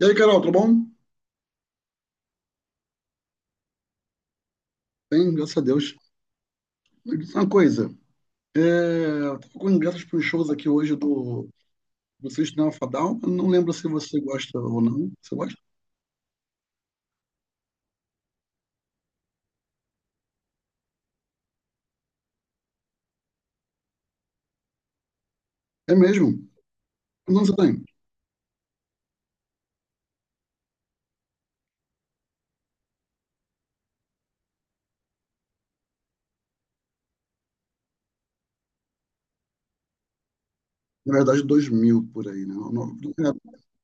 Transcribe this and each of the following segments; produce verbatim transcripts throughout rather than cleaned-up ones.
E aí, Carol, tudo bom? Bem, graças a Deus. Me diz uma coisa, é, eu tô com ingressos para uns shows aqui hoje do você Sistema Fadal. Eu não lembro se você gosta ou não. Você gosta? É mesmo? Quantos anos você tem? Na verdade, dois mil por aí, né? No,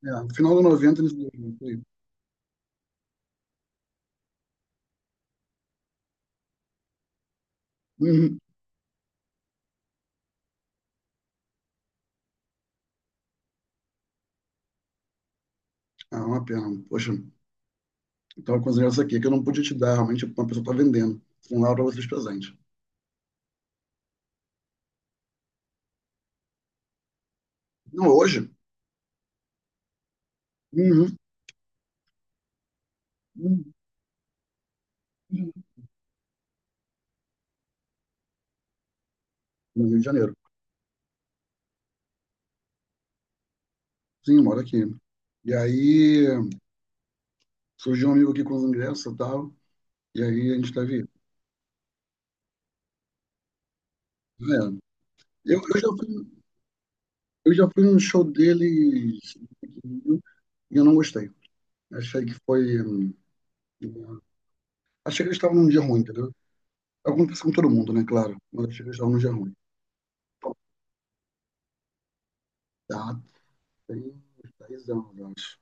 é, é, final do noventa, início do dois mil, por aí. Uhum. Ah, uma pena. Poxa, estava com os ingressos aqui que eu não podia te dar, realmente uma pessoa está vendendo. Vão lá para vocês presentes. Não, hoje? Uhum. Uhum. Uhum. No Rio de Janeiro. Sim, moro aqui. E aí. Surgiu um amigo aqui com os ingressos e tal, e aí a gente tá vindo. É, eu, eu já fui, eu já fui num show deles e eu não gostei. Achei que foi. Hum, Achei que eles estavam num dia ruim, entendeu? Acontece com todo mundo, né? Claro. Mas achei que eles estavam num dia ruim. Tá, tem uns dez anos, eu acho.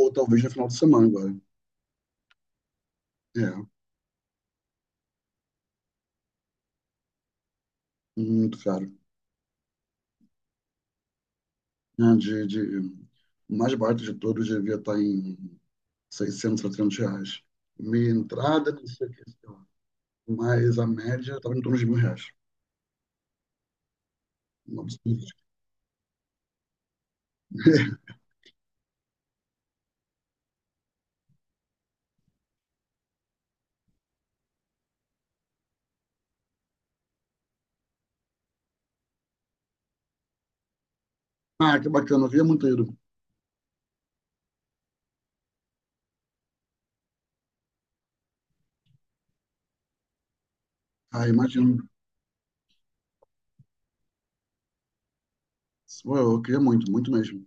Ou talvez no final de semana agora. É, muito caro. É, de, de- o mais barato de todos devia estar em seiscentos a trezentos reais. Meia entrada, não sei o que. Mas a média estava em torno de mil reais. Um absurdo. Ah, que bacana, eu queria muito ter ido. Ah, imagino. Pô, eu queria muito, muito mesmo.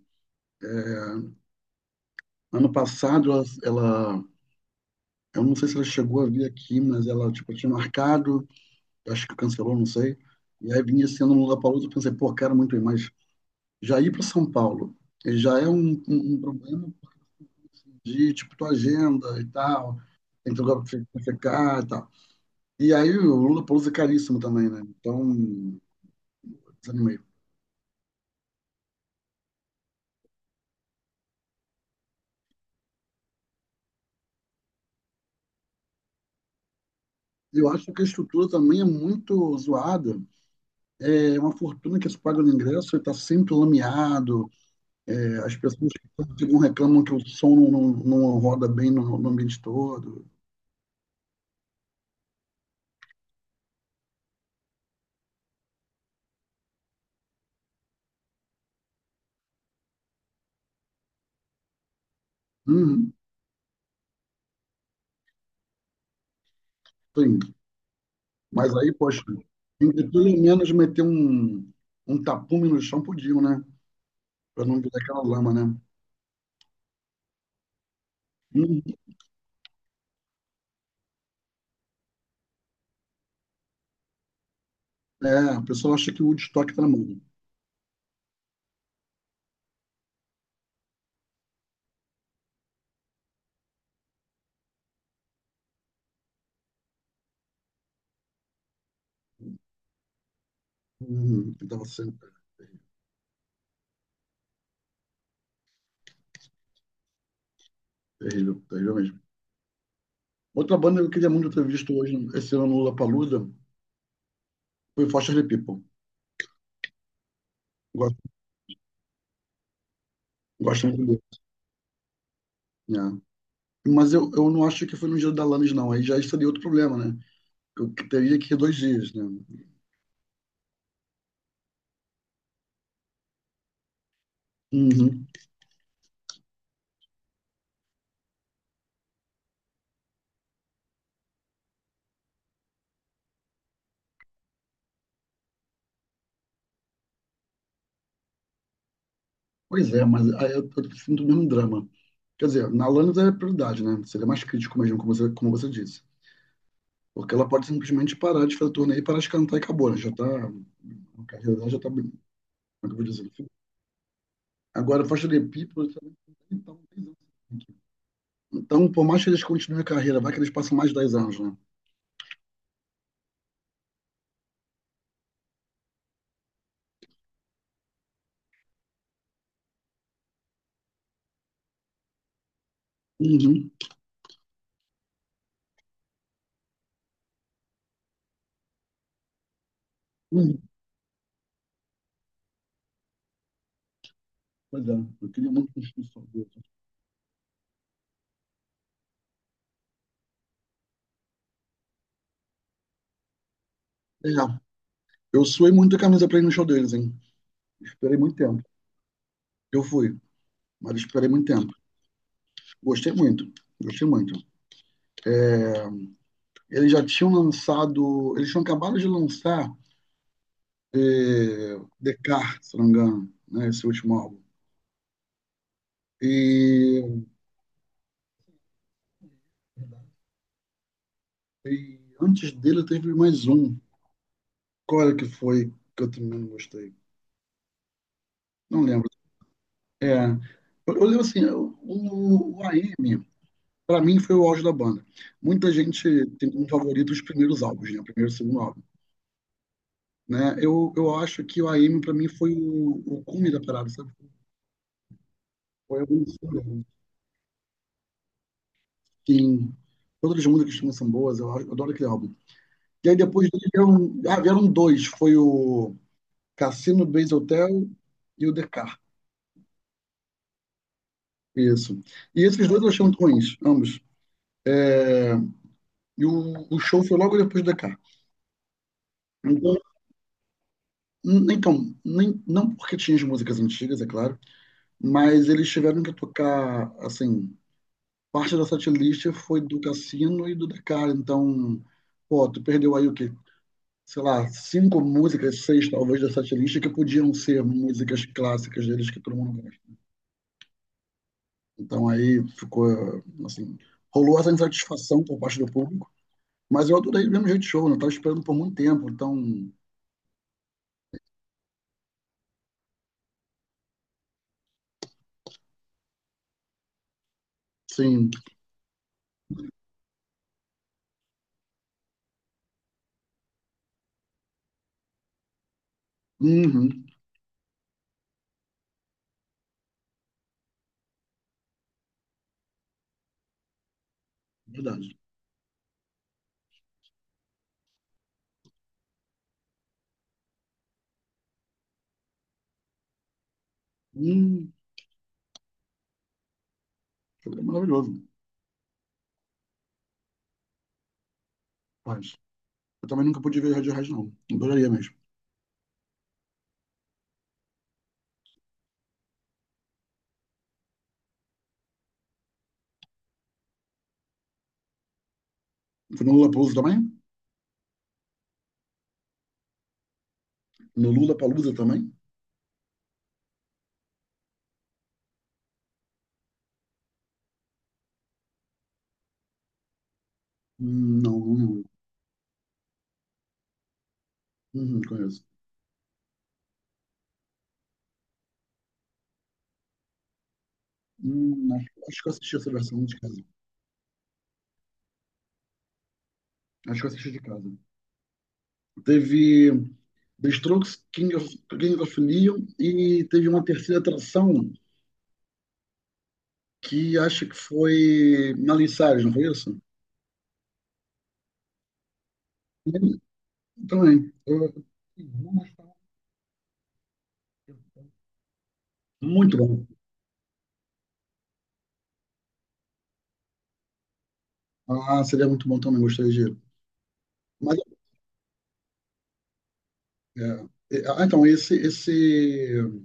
Ano passado, ela, ela- eu não sei se ela chegou a vir aqui, mas ela, tipo, tinha marcado, acho que cancelou, não sei. E aí vinha sendo no Lollapalooza, eu pensei, pô, quero muito ir, mas já ir para São Paulo eh, já é um, um, um problema de, tipo, tua agenda e tal, tem que ter lugar para ficar e tal. E aí o Lollapalooza é caríssimo também, né? Então, desanimei. Eu acho que a estrutura também é muito zoada. É uma fortuna que se paga no ingresso, está sempre lameado. É, as pessoas ficam reclamam que o som não, não, não roda bem no, no ambiente todo. Uhum, sim. Mas aí, poxa, entre pelo menos meter um, um tapume no chão podiam, né? Para não virar aquela lama, né? Uhum. É, o pessoal acha que o Woodstock está na moda. Uhum, que tava sendo terrível, terrível mesmo. Outra banda que eu queria muito ter visto hoje, esse ano no Lollapalooza, foi Foster the People. Gosto muito dele. Né? Mas eu, eu não acho que foi no dia da Lannis, não. Aí já seria outro problema, né? Eu que teria que ir dois dias, né? Uhum. Pois é, mas aí eu, eu sinto o mesmo drama. Quer dizer, na Lannis é prioridade, né? Seria mais crítico mesmo, como você, como você disse. Porque ela pode simplesmente parar de fazer torneio e parar de cantar e acabou, né? Já tá. A carreira dela já tá bem. Como é que eu vou dizer? Agora, Faixa de People, então, tem anos. Então, por mais que eles continuem a carreira, vai que eles passam mais de dez anos, né? Uhum. Uhum. Pois é, eu queria muito que eles. É, eu suei muito a camisa pra ir no show deles, hein? Esperei muito tempo. Eu fui, mas esperei muito tempo. Gostei muito, gostei muito. É, eles já tinham lançado, eles tinham acabado de lançar é, Descartes, se não me engano, né? Esse último álbum. E, e antes dele teve mais um. Qual era que foi que eu também não gostei? Não lembro. É, eu, eu lembro assim, eu- o, o A M, para mim foi o auge da banda. Muita gente tem como favorito os primeiros álbuns, né? O primeiro e o segundo álbum, né? Eu, eu acho que o A M para mim foi o, o cume da parada, sabe? Foi algo absurdo. Sim. Todas as músicas que são boas, eu adoro aquele álbum. E aí depois dele vieram, ah, vieram dois, foi o Cassino Base Hotel e o The Car. Isso. E esses dois eu achei muito ruins, ambos. É, e o, o show foi logo depois do D K. Então, então nem, não porque tinha as músicas antigas, é claro, mas eles tiveram que tocar, assim, parte da setlist foi do Cassino e do Dakar. Então, pô, tu perdeu aí o quê? Sei lá, cinco músicas, seis talvez da setlist que podiam ser músicas clássicas deles que todo mundo gosta. Então aí ficou, assim, rolou essa insatisfação por parte do público. Mas eu adorei do mesmo jeito o show, né? Eu tava esperando por muito tempo, então, sim, uhum, verdade. Hum, foi maravilhoso, mas eu também nunca pude ver Radiohead, não. Adoraria mesmo. Foi no Lollapalooza também? No Lula Palusa também? Hum, Não, não lembro. Uhum, conheço. Hum, acho, acho que eu assisti essa versão de casa. Acho que eu assisti de casa. Teve The Strokes, King of, King of Neon e teve uma terceira atração que acho que foi Miley Cyrus, não foi isso? E também. Eu- Muito bom. Ah, seria muito bom também, gostaria de ir. Mas, é, é, ah, então, esse, esse,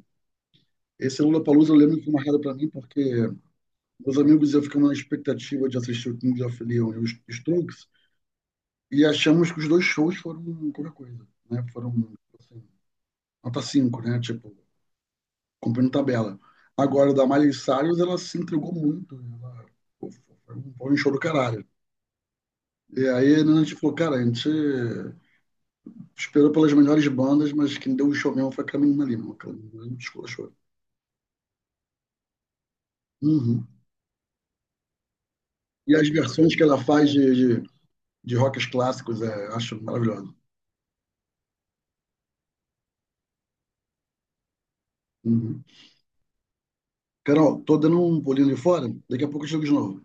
esse Lollapalooza eu lembro que foi marcado para mim porque meus amigos e eu ficamos na expectativa de assistir o Kings of Leon e os Strokes e achamos que os dois shows foram qualquer coisa, né? Foram assim, nota cinco, né? Tipo, cumprindo tabela. Agora, da Miley Cyrus, ela se entregou muito. Ela pô, foi um foi um show do caralho. E aí né, a gente falou, cara, a gente esperou pelas melhores bandas, mas quem deu o show mesmo foi a Carmen Lima. A Carmen show. Uhum. E as versões que ela faz de, de, de rocks clássicos, é, acho maravilhoso. Uhum. Carol, tô dando um pulinho ali fora, daqui a pouco eu chego de novo.